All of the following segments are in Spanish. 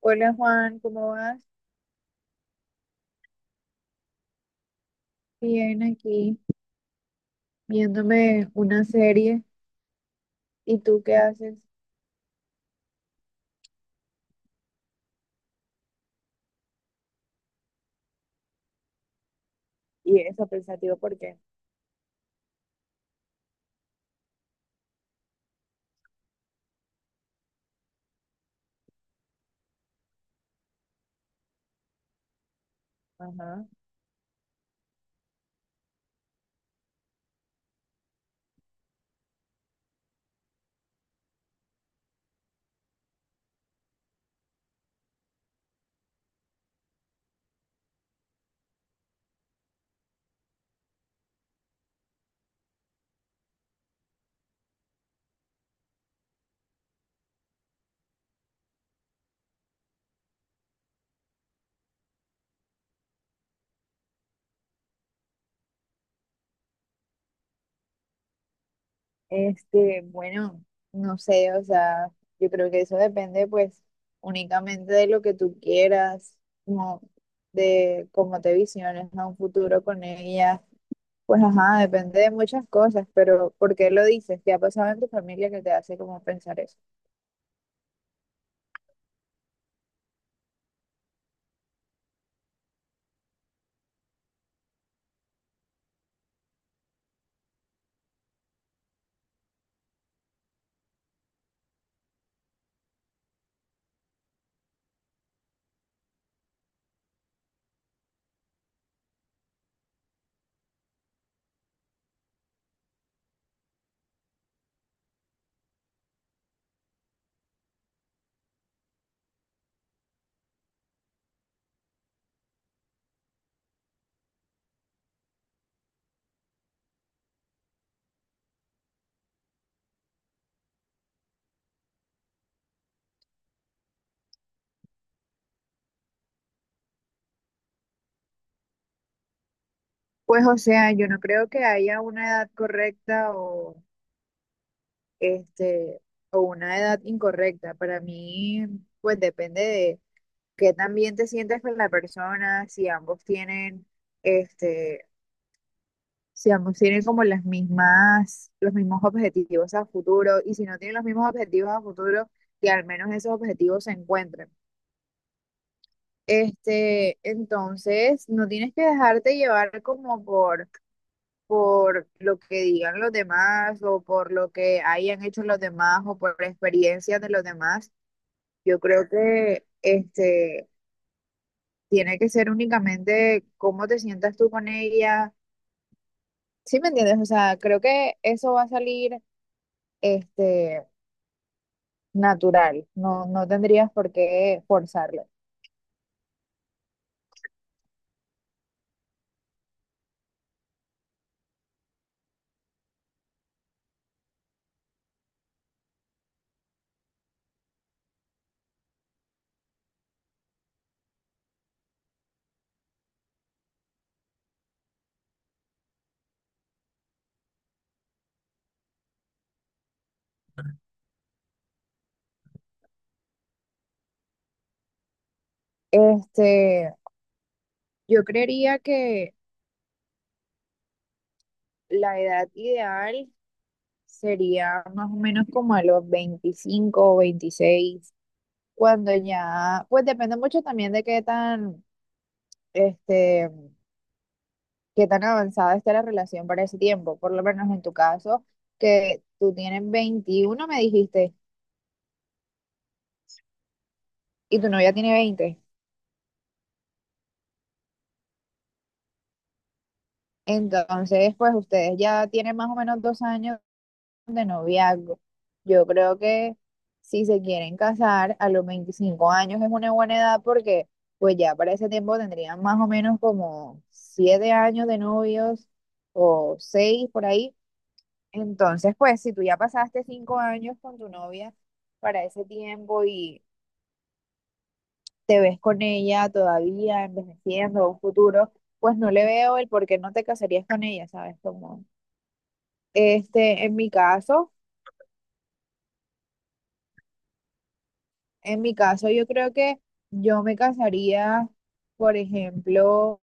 Hola Juan, ¿cómo vas? Bien, aquí viéndome una serie. ¿Y tú qué haces? Y eso, pensativo, ¿por qué? Ajá. Bueno, no sé, o sea, yo creo que eso depende pues únicamente de lo que tú quieras, como de cómo te visiones a un futuro con ella. Pues ajá, depende de muchas cosas, pero ¿por qué lo dices? ¿Qué ha pasado en tu familia que te hace como pensar eso? Pues o sea, yo no creo que haya una edad correcta o este, o una edad incorrecta. Para mí, pues depende de qué también te sientas con la persona, si ambos tienen, este, si ambos tienen como las mismas, los mismos objetivos a futuro, y si no tienen los mismos objetivos a futuro, que al menos esos objetivos se encuentren. Entonces, no tienes que dejarte llevar como por lo que digan los demás o por lo que hayan hecho los demás o por experiencias de los demás. Yo creo que tiene que ser únicamente cómo te sientas tú con ella. ¿Sí me entiendes? O sea, creo que eso va a salir este natural. No, no tendrías por qué forzarlo. Este, yo creería que la edad ideal sería más o menos como a los 25 o 26 cuando ya, pues depende mucho también de qué tan este qué tan avanzada está la relación para ese tiempo, por lo menos en tu caso, que tú tienes 21, me dijiste, y tu novia tiene 20. Entonces, pues ustedes ya tienen más o menos 2 años de noviazgo. Yo creo que si se quieren casar a los 25 años es una buena edad porque pues ya para ese tiempo tendrían más o menos como 7 años de novios o 6 por ahí. Entonces, pues, si tú ya pasaste 5 años con tu novia para ese tiempo y te ves con ella todavía envejeciendo un futuro, pues no le veo el por qué no te casarías con ella, ¿sabes? Como, este, en mi caso, en mi caso, yo creo que yo me casaría, por ejemplo,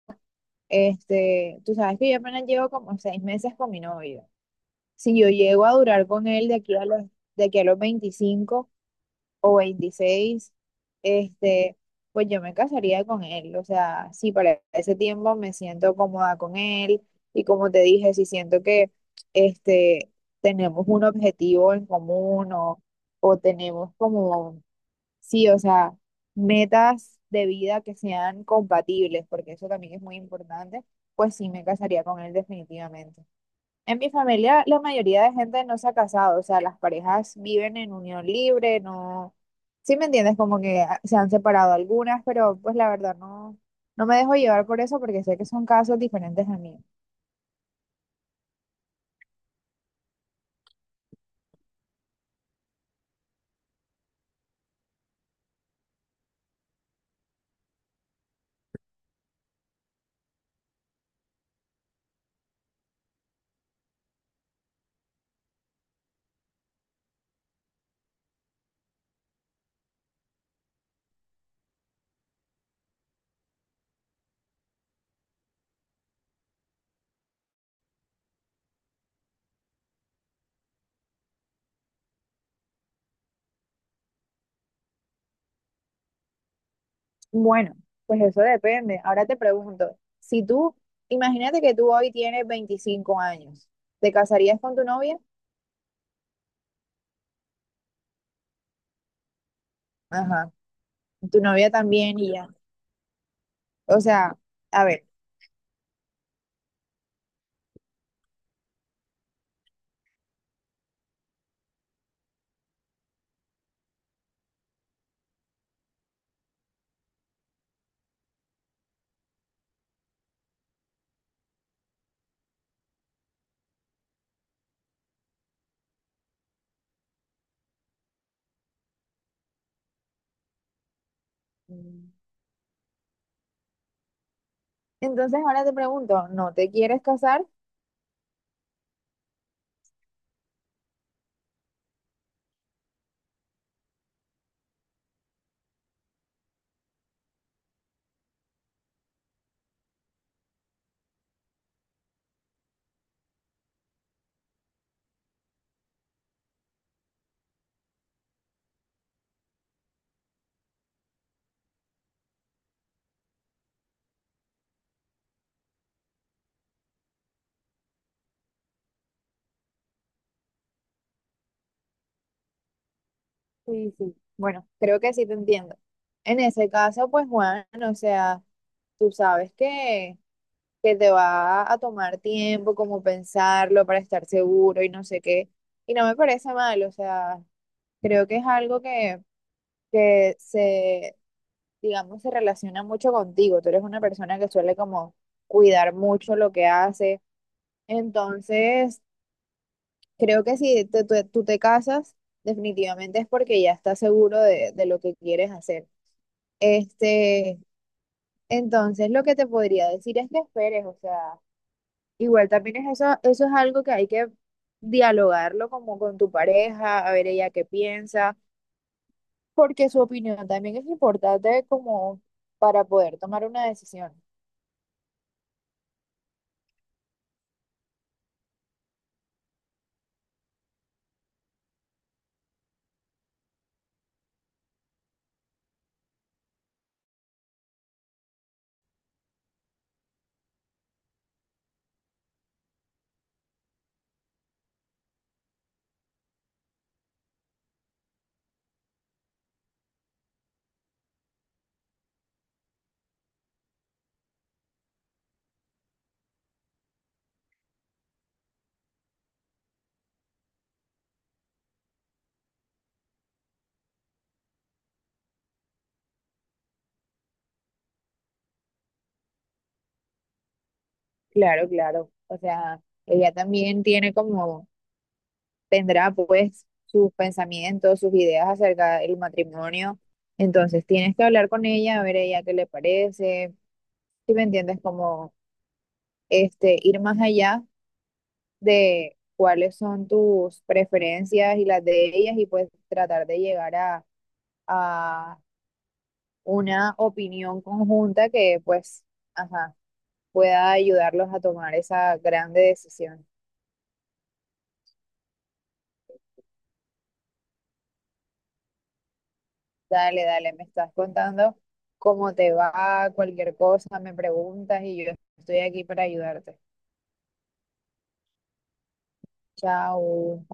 tú sabes que yo apenas llevo como 6 meses con mi novio. Si yo llego a durar con él de aquí a los 25 o 26, este, pues yo me casaría con él. O sea, sí, para ese tiempo me siento cómoda con él y como te dije, si siento que este, tenemos un objetivo en común o tenemos como, sí, o sea, metas de vida que sean compatibles, porque eso también es muy importante, pues sí me casaría con él definitivamente. En mi familia la mayoría de gente no se ha casado, o sea, las parejas viven en unión libre, no, sí me entiendes, como que ah, se han separado algunas, pero pues la verdad no me dejo llevar por eso porque sé que son casos diferentes a mí. Bueno, pues eso depende. Ahora te pregunto, si tú, imagínate que tú hoy tienes 25 años, ¿te casarías con tu novia? Ajá, tu novia también y ya. O sea, a ver. mm, Entonces ahora te pregunto, ¿no te quieres casar? Sí, sí. Bueno, creo que sí te entiendo. En ese caso, pues Juan, o sea, tú sabes que te va a tomar tiempo como pensarlo para estar seguro y no sé qué. Y no me parece mal, o sea, creo que es algo que se, digamos, se relaciona mucho contigo. Tú eres una persona que suele como cuidar mucho lo que hace. Entonces, creo que si tú te casas, definitivamente es porque ya estás seguro de lo que quieres hacer. Este, entonces lo que te podría decir es que esperes, o sea, igual también es eso, eso es algo que hay que dialogarlo como con tu pareja, a ver ella qué piensa, porque su opinión también es importante como para poder tomar una decisión. Claro, claro. O sea, ella también tiene como, tendrá pues sus pensamientos, sus ideas acerca del matrimonio. Entonces tienes que hablar con ella, a ver ella qué le parece, si me entiendes, como ir más allá de cuáles son tus preferencias y las de ellas y pues tratar de llegar a una opinión conjunta que pues, ajá, pueda ayudarlos a tomar esa grande decisión. Dale, dale, me estás contando cómo te va, cualquier cosa, me preguntas y yo estoy aquí para ayudarte. Chao.